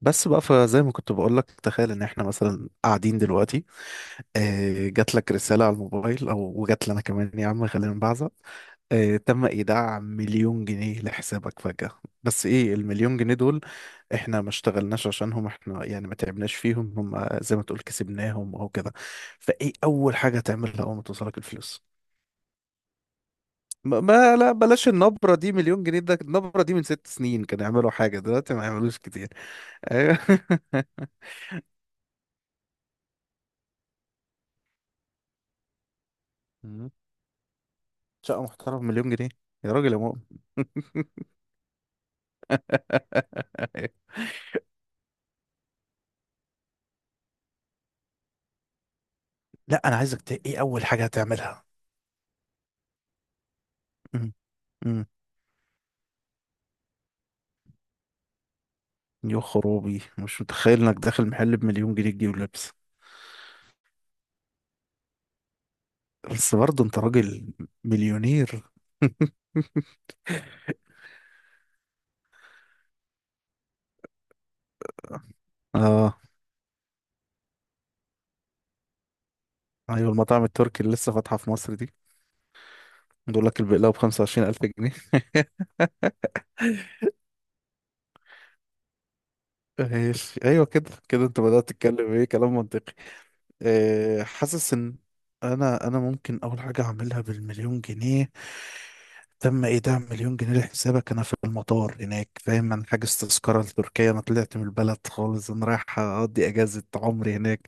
بس بقى فزي ما كنت بقول لك. تخيل ان احنا مثلا قاعدين دلوقتي، جات لك رسالة على الموبايل او وجات لنا كمان يا عم خلينا نبعزق. تم ايداع مليون جنيه لحسابك فجأة. بس ايه المليون جنيه دول؟ احنا ما اشتغلناش عشانهم، احنا يعني ما تعبناش فيهم، هم زي ما تقول كسبناهم او كده. فايه اول حاجة تعملها اول ما توصلك الفلوس؟ لا بلاش النبرة دي، مليون جنيه ده النبرة دي من ست سنين كانوا يعملوا حاجة دلوقتي ما يعملوش كتير. أيوة. شقة محترمة مليون جنيه؟ يا راجل يا مؤمن. لا انا عايزك ايه اول حاجة هتعملها؟ مم. مم. يا خرابي، مش متخيل انك داخل محل بمليون جنيه تجيب لبس. بس برضه انت راجل مليونير. اه ايوه، المطاعم التركي اللي لسه فاتحة في مصر دي بيقول لك البقلاوة ب 25000 جنيه. ماشي، ايوه كده كده انت بدأت تتكلم ايه، كلام منطقي. أه، حاسس ان انا ممكن اول حاجة اعملها بالمليون جنيه. تم ايداع مليون جنيه لحسابك. انا في المطار هناك، فاهم؟ انا حاجز تذكره لتركيا، انا طلعت من البلد خالص، انا رايح اقضي اجازه عمري هناك.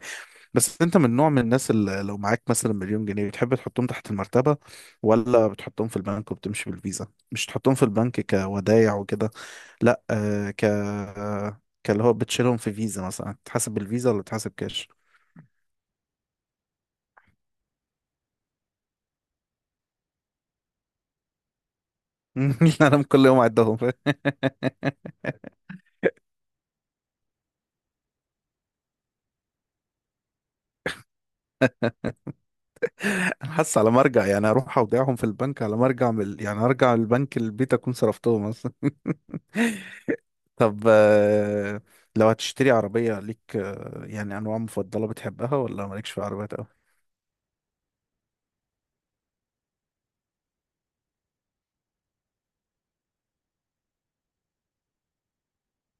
بس انت من نوع من الناس اللي لو معاك مثلا مليون جنيه بتحب تحطهم تحت المرتبه ولا بتحطهم في البنك وبتمشي بالفيزا؟ مش تحطهم في البنك كودايع وكده. لا آه ك كاللي هو بتشيلهم في فيزا مثلا، تحاسب بالفيزا ولا تحاسب كاش؟ لا انا كل يوم اعدهم. انا حاسس على مرجع، يعني اروح اودعهم في البنك على مرجع من يعني ارجع البنك البيت اكون صرفتهم اصلا. طب لو هتشتري عربية ليك، يعني انواع مفضلة بتحبها ولا مالكش في عربيات قوي؟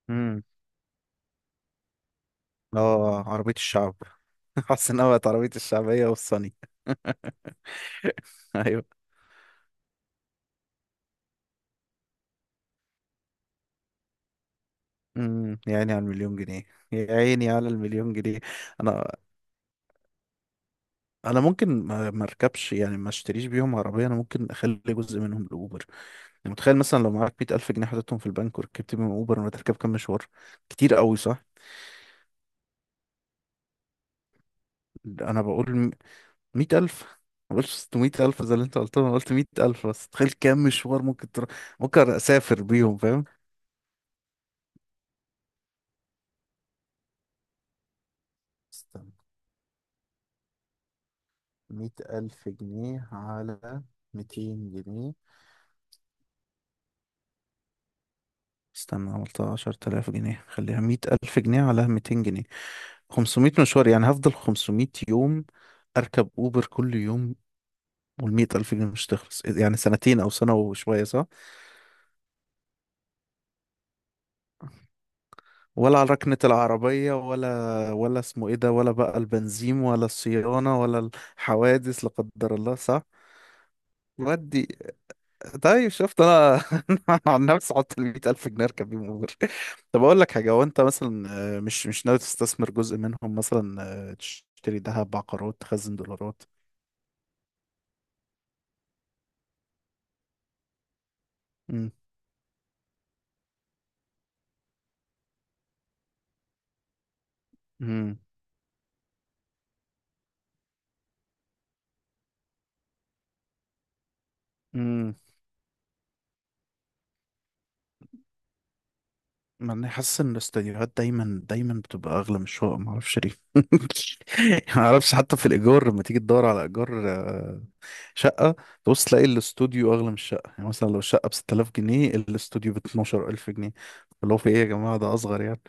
امم، اه عربية الشعب. حاسس انها بقت عربية الشعبية والصني. ايوه. امم، يا عيني على المليون جنيه، يا عيني على المليون جنيه. انا انا ممكن ما اركبش، يعني ما اشتريش بيهم عربيه، انا ممكن اخلي جزء منهم لاوبر. يعني متخيل مثلا لو معاك 100000 جنيه حطيتهم في البنك وركبت بيهم أوبر ولا تركب كام مشوار كتير قوي، صح؟ أنا بقول 100000، ما بقولش 600000 زي اللي أنت قلته. أنا قلت 100000 بس تخيل كام مشوار ممكن تروح، ممكن أسافر بيهم، فاهم؟ استنى، مية ألف جنيه على ميتين جنيه. استنى، عملتها 10000 جنيه، خليها 100000 جنيه على 200 جنيه 500 مشوار، يعني هفضل 500 يوم أركب أوبر كل يوم. والمية ألف جنيه مش تخلص، يعني سنتين أو سنة وشوية، صح؟ ولا على ركنة العربية ولا ولا اسمه ايه ده، ولا بقى البنزين ولا الصيانة ولا الحوادث لا قدر الله، صح. ودي. طيب، شفت؟ انا انا عن نفسي حط ال 100000 جنيه اركب بيهم اوبر. طب اقول لك حاجة، هو انت مثلا مش ناوي تستثمر جزء منهم مثلا، تشتري ذهب، عقارات، تخزن دولارات؟ امم. امم، ما انا حاسس ان الاستديوهات دايما دايما بتبقى اغلى من الشقق، ما اعرفش ليه. ما اعرفش حتى في الايجار لما تيجي تدور على ايجار شقه، تبص تلاقي الاستوديو اغلى من الشقه. يعني مثلا لو الشقه ب 6000 جنيه الاستوديو ب 12000 جنيه، اللي هو في ايه يا جماعه ده اصغر يعني.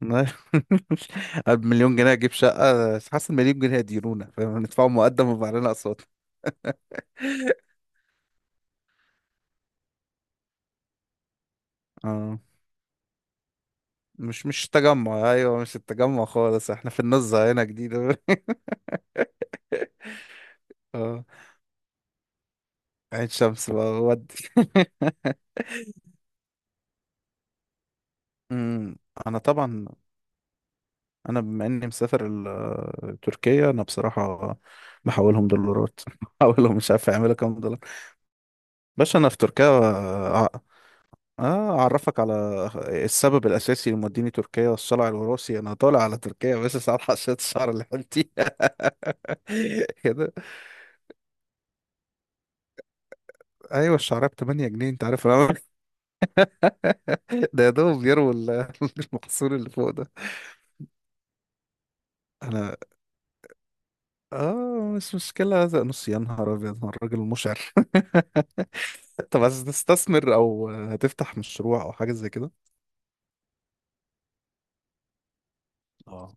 بمليون جنيه اجيب شقه؟ حاسس المليون جنيه هيديرونا، فاهم؟ ندفعوا مقدم ويبقى علينا اقساط. اه مش التجمع، ايوه مش التجمع خالص، احنا في النزهه هنا جديده. اه، عين شمس بقى ودي. أمم، انا طبعا، انا بما اني مسافر تركيا انا بصراحه بحولهم دولارات، بحولهم مش عارف يعملوا كام دولار. باشا انا في تركيا. اه اعرفك على السبب الاساسي اللي موديني تركيا، الصلع الوراثي. انا طالع على تركيا بس ساعات حشيت الشعر اللي حلتي. كده ايوه، الشعريه ب 8 جنيه، انت عارف انا، ده يا دوب بيروا المحصول اللي فوق ده. انا اه مش مشكلة هذا، نص، يا نهار أبيض هو الراجل مشعر. طب عايز تستثمر أو هتفتح مشروع أو حاجة زي كده؟ اه.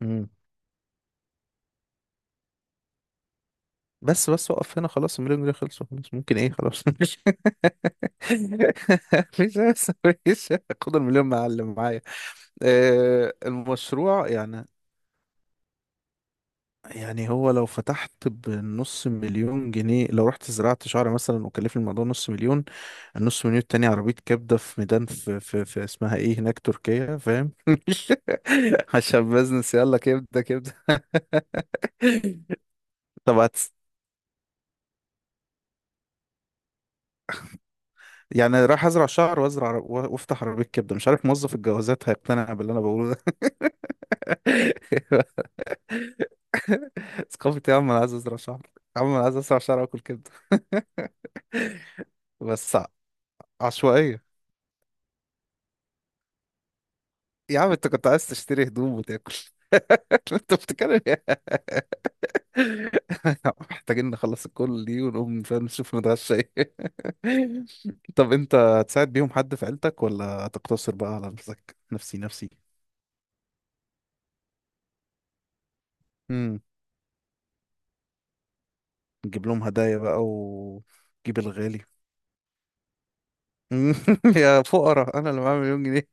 مم. بس بس وقف هنا، خلاص المليون جنيه خلصوا، خلاص ممكن ايه، خلاص، مفيش مفيش مفيش. خد المليون معلم معايا. المشروع يعني. يعني هو لو فتحت بنص مليون جنيه، لو رحت زرعت شعر مثلا وكلفني الموضوع نص مليون، النص مليون التاني عربية كبدة في ميدان في اسمها ايه هناك تركيا، فاهم؟ عشان بزنس، يلا كبدة كبدة. طب يعني رايح ازرع شعر وافتح عربية كبدة، مش عارف موظف الجوازات هيقتنع باللي انا بقوله ده. ثقافة يا عم؟ انا عايز ازرع شعر. يا عم انا عايز ازرع شعر واكل كبدة. بس ع- عشوائية. يا عم انت كنت عايز تشتري هدوم وتاكل. انت بتتكلم إيه؟ محتاجين نخلص الكل دي ونقوم، فاهم، نشوف نتغشى ايه. طب انت هتساعد بيهم حد في عيلتك ولا هتقتصر بقى على نفسك؟ نفسي نفسي. امم، تجيب لهم هدايا بقى وتجيب الغالي. يا فقراء انا اللي معايا مليون جنيه.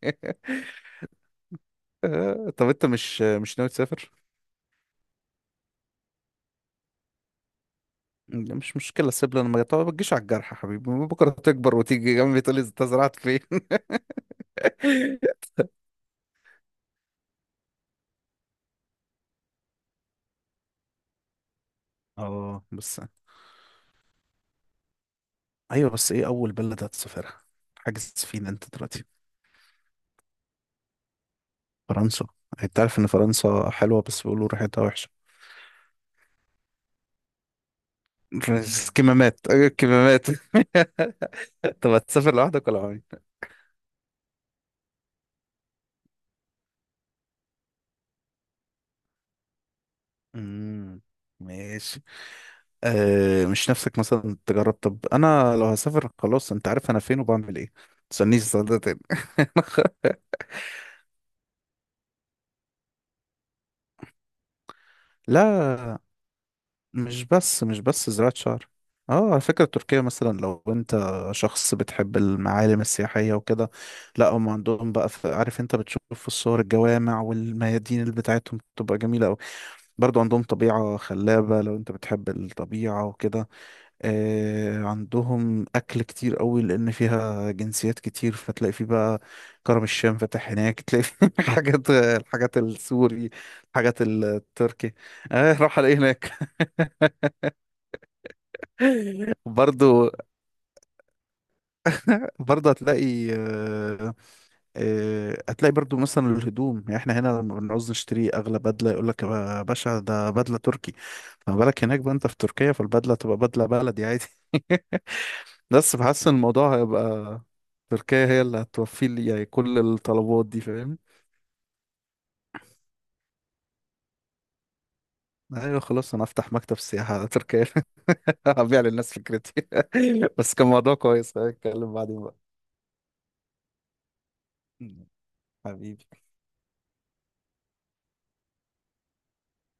طب انت مش ناوي تسافر؟ لا، مش مشكله سيب لنا المجال، طب ما تجيش على الجرح يا حبيبي، بكره تكبر وتيجي جنبي تقول لي انت زرعت فين. اه بس. ايوه بس ايه اول بلد هتسافرها؟ حاجز فين انت دلوقتي؟ فرنسا. انت عارف ان فرنسا حلوه بس بيقولوا ريحتها وحشه. بس كمامات، أيوة، كمامات. طب هتسافر لوحدك ولا معايا؟ امم، ماشي. أه مش نفسك مثلا تجرب؟ طب انا لو هسافر خلاص انت عارف انا فين وبعمل ايه، ما تسألنيش السؤال ده تاني. لا مش بس زراعة شعر. اه على فكرة تركيا، مثلا لو انت شخص بتحب المعالم السياحية وكده، لا هم عندهم بقى، في، عارف انت بتشوف في الصور الجوامع والميادين اللي بتاعتهم بتبقى جميلة اوي. برضو عندهم طبيعة خلابة لو انت بتحب الطبيعة وكده. آه عندهم اكل كتير قوي لان فيها جنسيات كتير، فتلاقي فيه بقى كرم الشام فاتح هناك، تلاقي فيه حاجات، الحاجات السوري، الحاجات التركي. آه راح الاقي هناك. برضو. برضه هتلاقي هتلاقي برضو مثلا الهدوم، يعني احنا هنا لما بنعوز نشتري اغلى بدله يقول لك يا باشا ده بدله تركي. فما بالك هناك بقى انت في تركيا، فالبدله تبقى بدله بلدي عادي. بس بحس ان الموضوع هيبقى، تركيا هي اللي هتوفي لي يعني كل الطلبات دي، فاهم؟ ايوه خلاص، انا افتح مكتب سياحه على تركيا، هبيع للناس فكرتي. بس كان موضوع كويس، هنتكلم بعدين بقى. حبيبي.